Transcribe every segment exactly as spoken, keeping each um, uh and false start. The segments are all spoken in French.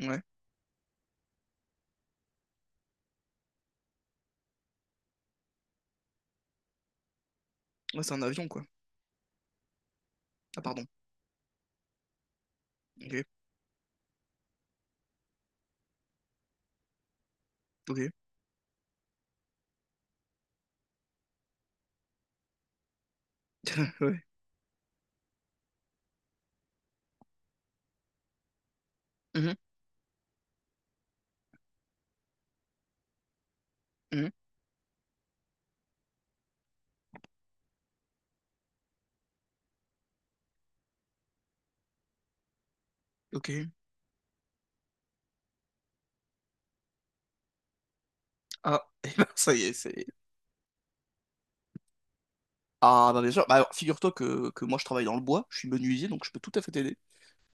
Ouais, ouais, c'est un avion, quoi. Ah, pardon. Ok, ok. Ouais. Mhm, mhm, Ok. Ah, et ben, ça y est, c'est. Ah, bah bien sûr. Bah, alors, figure-toi que, que moi, je travaille dans le bois. Je suis menuisier, donc je peux tout à fait t'aider.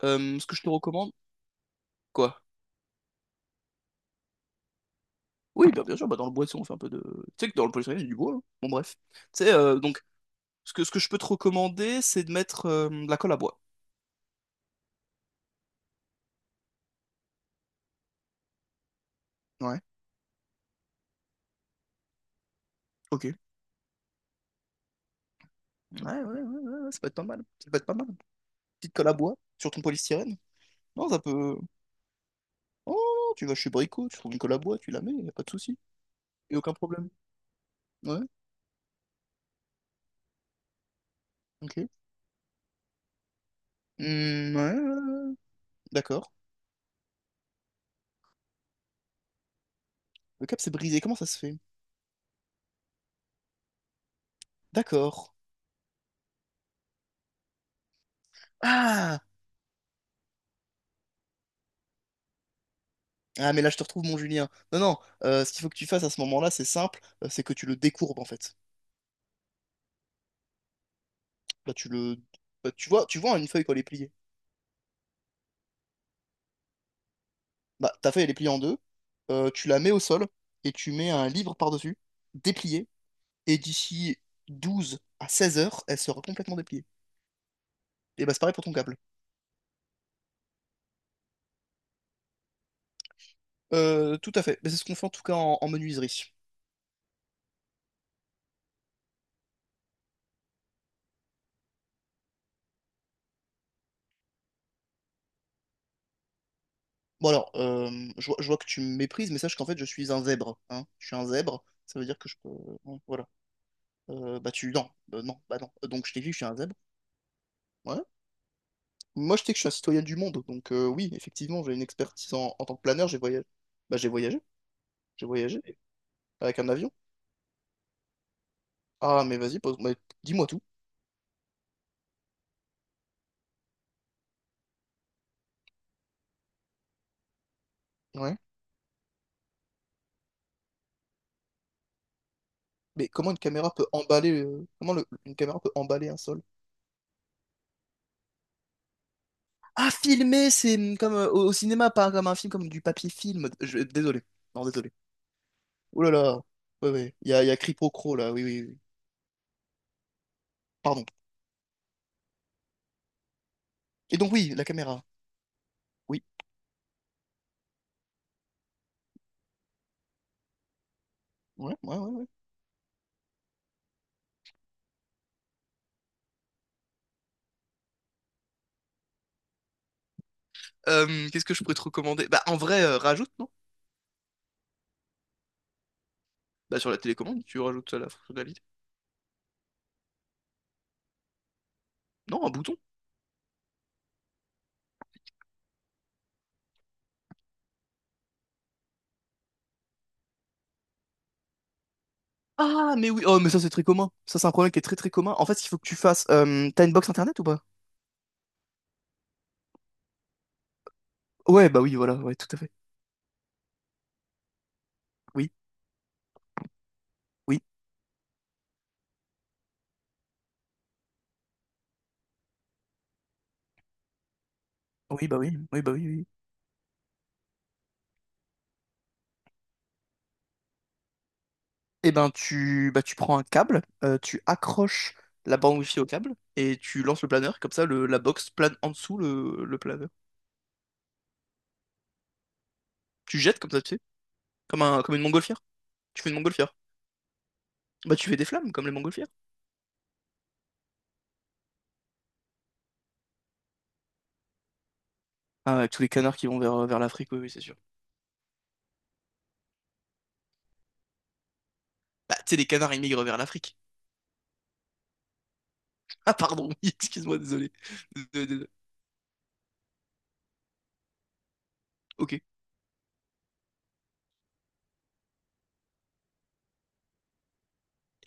Euh, ce que je te recommande, quoi? Oui, bah, bien sûr, bah, dans le bois, tu sais, on fait un peu de. Tu sais que dans le polystyrène, il y a du bois, hein. Bon, bref. Tu sais, euh, donc, ce que, ce que je peux te recommander, c'est de mettre euh, de la colle à bois. Ouais, ok. Ouais, ouais, ouais, ouais, ouais, ça peut être pas mal. Ça peut être pas mal. Petite colle à bois sur ton polystyrène. Non, ça peut. Oh, non, tu vas chez Brico, tu trouves Nicolas Bois, tu la mets, y a pas de souci. Y a aucun problème. Ouais, ok. Hmm, ouais, ouais, ouais, d'accord. Le cap s'est brisé, comment ça se fait? D'accord. Ah! Ah, mais là, je te retrouve, mon Julien. Non, non, euh, ce qu'il faut que tu fasses à ce moment-là, c'est simple, euh, c'est que tu le décourbes, en fait. Là tu le… bah, tu vois, tu vois une feuille quand elle est pliée. Bah, ta feuille, elle est pliée en deux, euh, tu la mets au sol, et tu mets un livre par-dessus, déplié, et d'ici douze à seize heures, elle sera complètement dépliée. Et bah, c'est pareil pour ton câble. Euh, tout à fait. Mais c'est ce qu'on fait en tout cas en, en menuiserie. Bon alors, euh, je vois, je vois que tu me méprises, mais sache qu'en fait je suis un zèbre, hein. Je suis un zèbre. Ça veut dire que je peux. Bon, voilà. Euh, bah tu. Non, Euh, non, bah non. Donc je t'ai dit que je suis un zèbre. Ouais. Moi je sais que je suis un citoyen du monde. Donc euh, oui, effectivement, j'ai une expertise en, en tant que planeur. J'ai voyagé. Bah j'ai voyagé. J'ai voyagé avec un avion. Ah mais vas-y, pose… mais dis-moi tout. Ouais. Mais comment une caméra peut emballer. euh, Comment le- une caméra peut emballer un sol? Ah, filmé, c'est comme euh, au au cinéma, pas comme un film, comme du papier film. Je- Désolé. Non, désolé. Oh là là. Ouais, ouais. Il y a, il y a Cripocro, là. Oui, oui, oui. Pardon. Et donc, oui, la caméra. Oui. Ouais, ouais, ouais, ouais. Euh, qu'est-ce que je pourrais te recommander? Bah, en vrai, euh, rajoute, non? Bah, sur la télécommande, tu rajoutes ça, la fonctionnalité. Non, un bouton. Ah, mais oui. Oh, mais ça, c'est très commun. Ça, c'est un problème qui est très, très commun. En fait, il faut que tu fasses. Euh, t'as une box internet ou pas? Ouais, bah oui, voilà. Ouais, tout à fait. Oui, oui. Oui, bah oui. Oui, bah oui, oui. Et ben, tu, bah, tu prends un câble, euh, tu accroches la bande Wi-Fi au câble et tu lances le planeur. Comme ça, le, la box plane en dessous le, le planeur. Tu jettes comme ça, tu sais. Comme, un, comme une montgolfière. Tu fais une montgolfière. Bah, tu fais des flammes comme les montgolfières. Ah, avec tous les canards qui vont vers, vers l'Afrique, oui, oui, c'est sûr. Bah, tu sais, les canards, ils migrent vers l'Afrique. Ah, pardon, oui, excuse-moi, désolé. Désolé, désolé. Ok. Et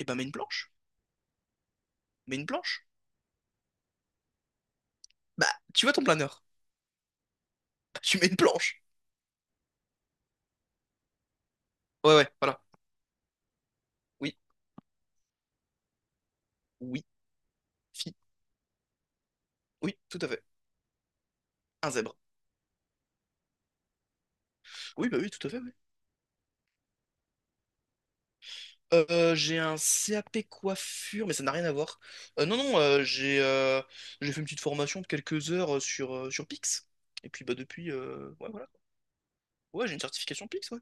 ben, mets une planche. Mets une planche. Bah, tu vois ton planeur. Bah, tu mets une planche. Ouais, ouais, voilà. Oui, oui, fi. Oui, tout à fait. Un zèbre. Oui, bah oui, tout à fait, oui. Euh, j'ai un C A P coiffure, mais ça n'a rien à voir. Euh, non, non, euh, J'ai euh, j'ai fait une petite formation de quelques heures euh, sur, euh, sur Pix. Et puis bah depuis, euh, ouais, voilà. Ouais, j'ai une certification Pix, ouais.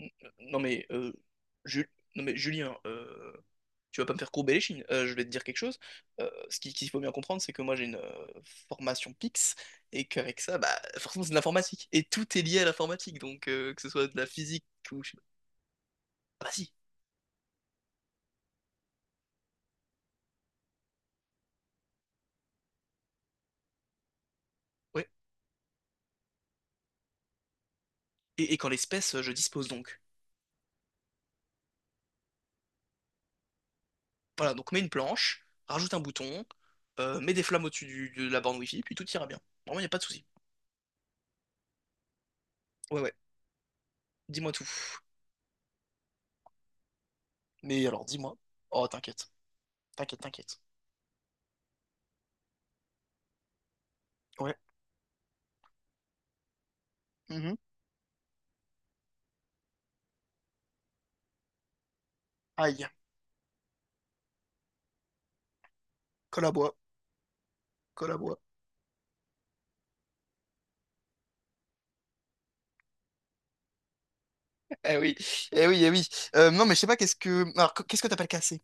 N- euh, Non mais, euh, Ju- non, mais Julien, euh, tu vas pas me faire courber les chines. Euh, je vais te dire quelque chose. Euh, ce qui- qu'il faut bien comprendre, c'est que moi j'ai une euh, formation Pix, et qu'avec ça, bah forcément c'est de l'informatique. Et tout est lié à l'informatique, donc euh, que ce soit de la physique ou… je sais pas. Ah bah si, ouais. Et, et qu'en l'espèce, je dispose donc. Voilà, donc mets une planche, rajoute un bouton, euh, mets des flammes au-dessus du- de la borne Wi-Fi, puis tout ira bien. Vraiment, il n'y a pas de souci. Ouais, ouais, dis-moi tout. Mais alors, dis-moi. Oh, t'inquiète, t'inquiète, t'inquiète. Ouais. Mhm. Aïe, colle à bois, colle à bois. Eh oui, eh oui, eh oui. Euh, non, mais je sais pas, qu'est-ce que… Alors, qu- qu'est-ce que t'appelles casser?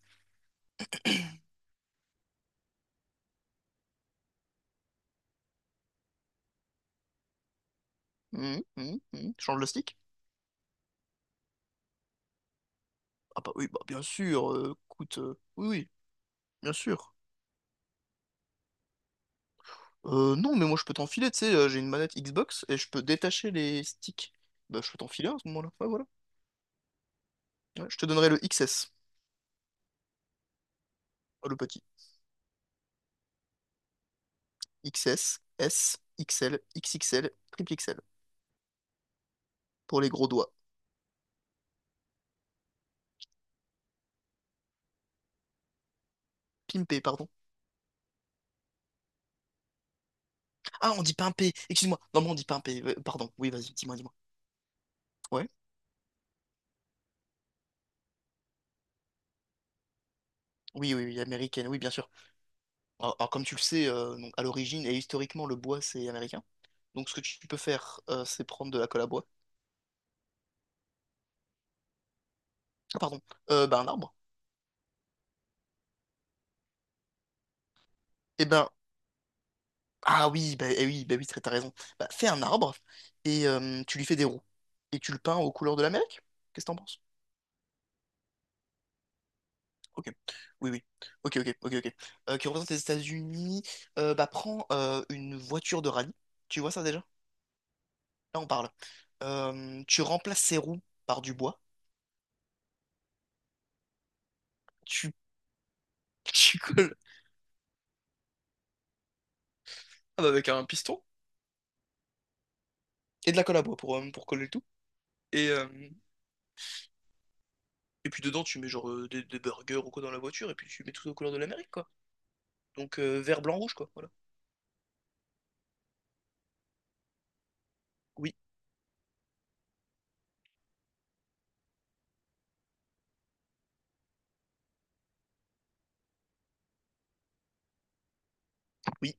Mhm, mhm, mhm. Change le stick? Ah bah oui, bah bien sûr, euh, écoute, euh, oui, oui, bien sûr. Euh, non, mais moi je peux t'enfiler, tu sais, euh, j'ai une manette Xbox et je peux détacher les sticks. Bah je peux t'enfiler à ce moment-là, ouais, voilà. Ouais, je te donnerai le XS, le petit. XS, S, XL, XXL, triple XL. Pour les gros doigts. Pimpé, pardon. Ah, on dit pimpé, excuse-moi. Non, mais on dit pimpé, euh, pardon. Oui, vas-y, dis-moi, dis-moi. Ouais? Oui, oui, oui, américaine, oui, bien sûr. Alors, alors, comme tu le sais, euh, donc, à l'origine et historiquement, le bois, c'est américain. Donc, ce que tu peux faire, euh, c'est prendre de la colle à bois. Ah, pardon. Euh, bah, un arbre. Et ben, ah oui, bah, eh oui, bah oui, t'as t'as raison. Bah, fais un arbre et euh, tu lui fais des roues. Et tu le peins aux couleurs de l'Amérique. Qu'est-ce que t'en penses? Ok, oui, oui. Ok, ok, ok, ok. Euh, qui représente les États-Unis. Euh, bah, prends euh, une voiture de rallye. Tu vois ça déjà? Là, on parle. Euh, tu remplaces ses roues par du bois. Tu, tu colles ah bah, avec un piston et de la colle à bois pour, euh, pour coller le tout. Et, euh, et puis dedans, tu mets genre euh, des, des burgers ou quoi dans la voiture. Et puis tu mets tout aux couleurs de l'Amérique, quoi. Donc euh, vert, blanc, rouge, quoi. Voilà. Oui, oui.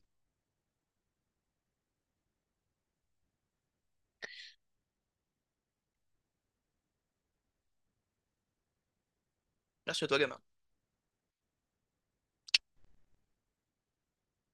Merci à toi, gamin.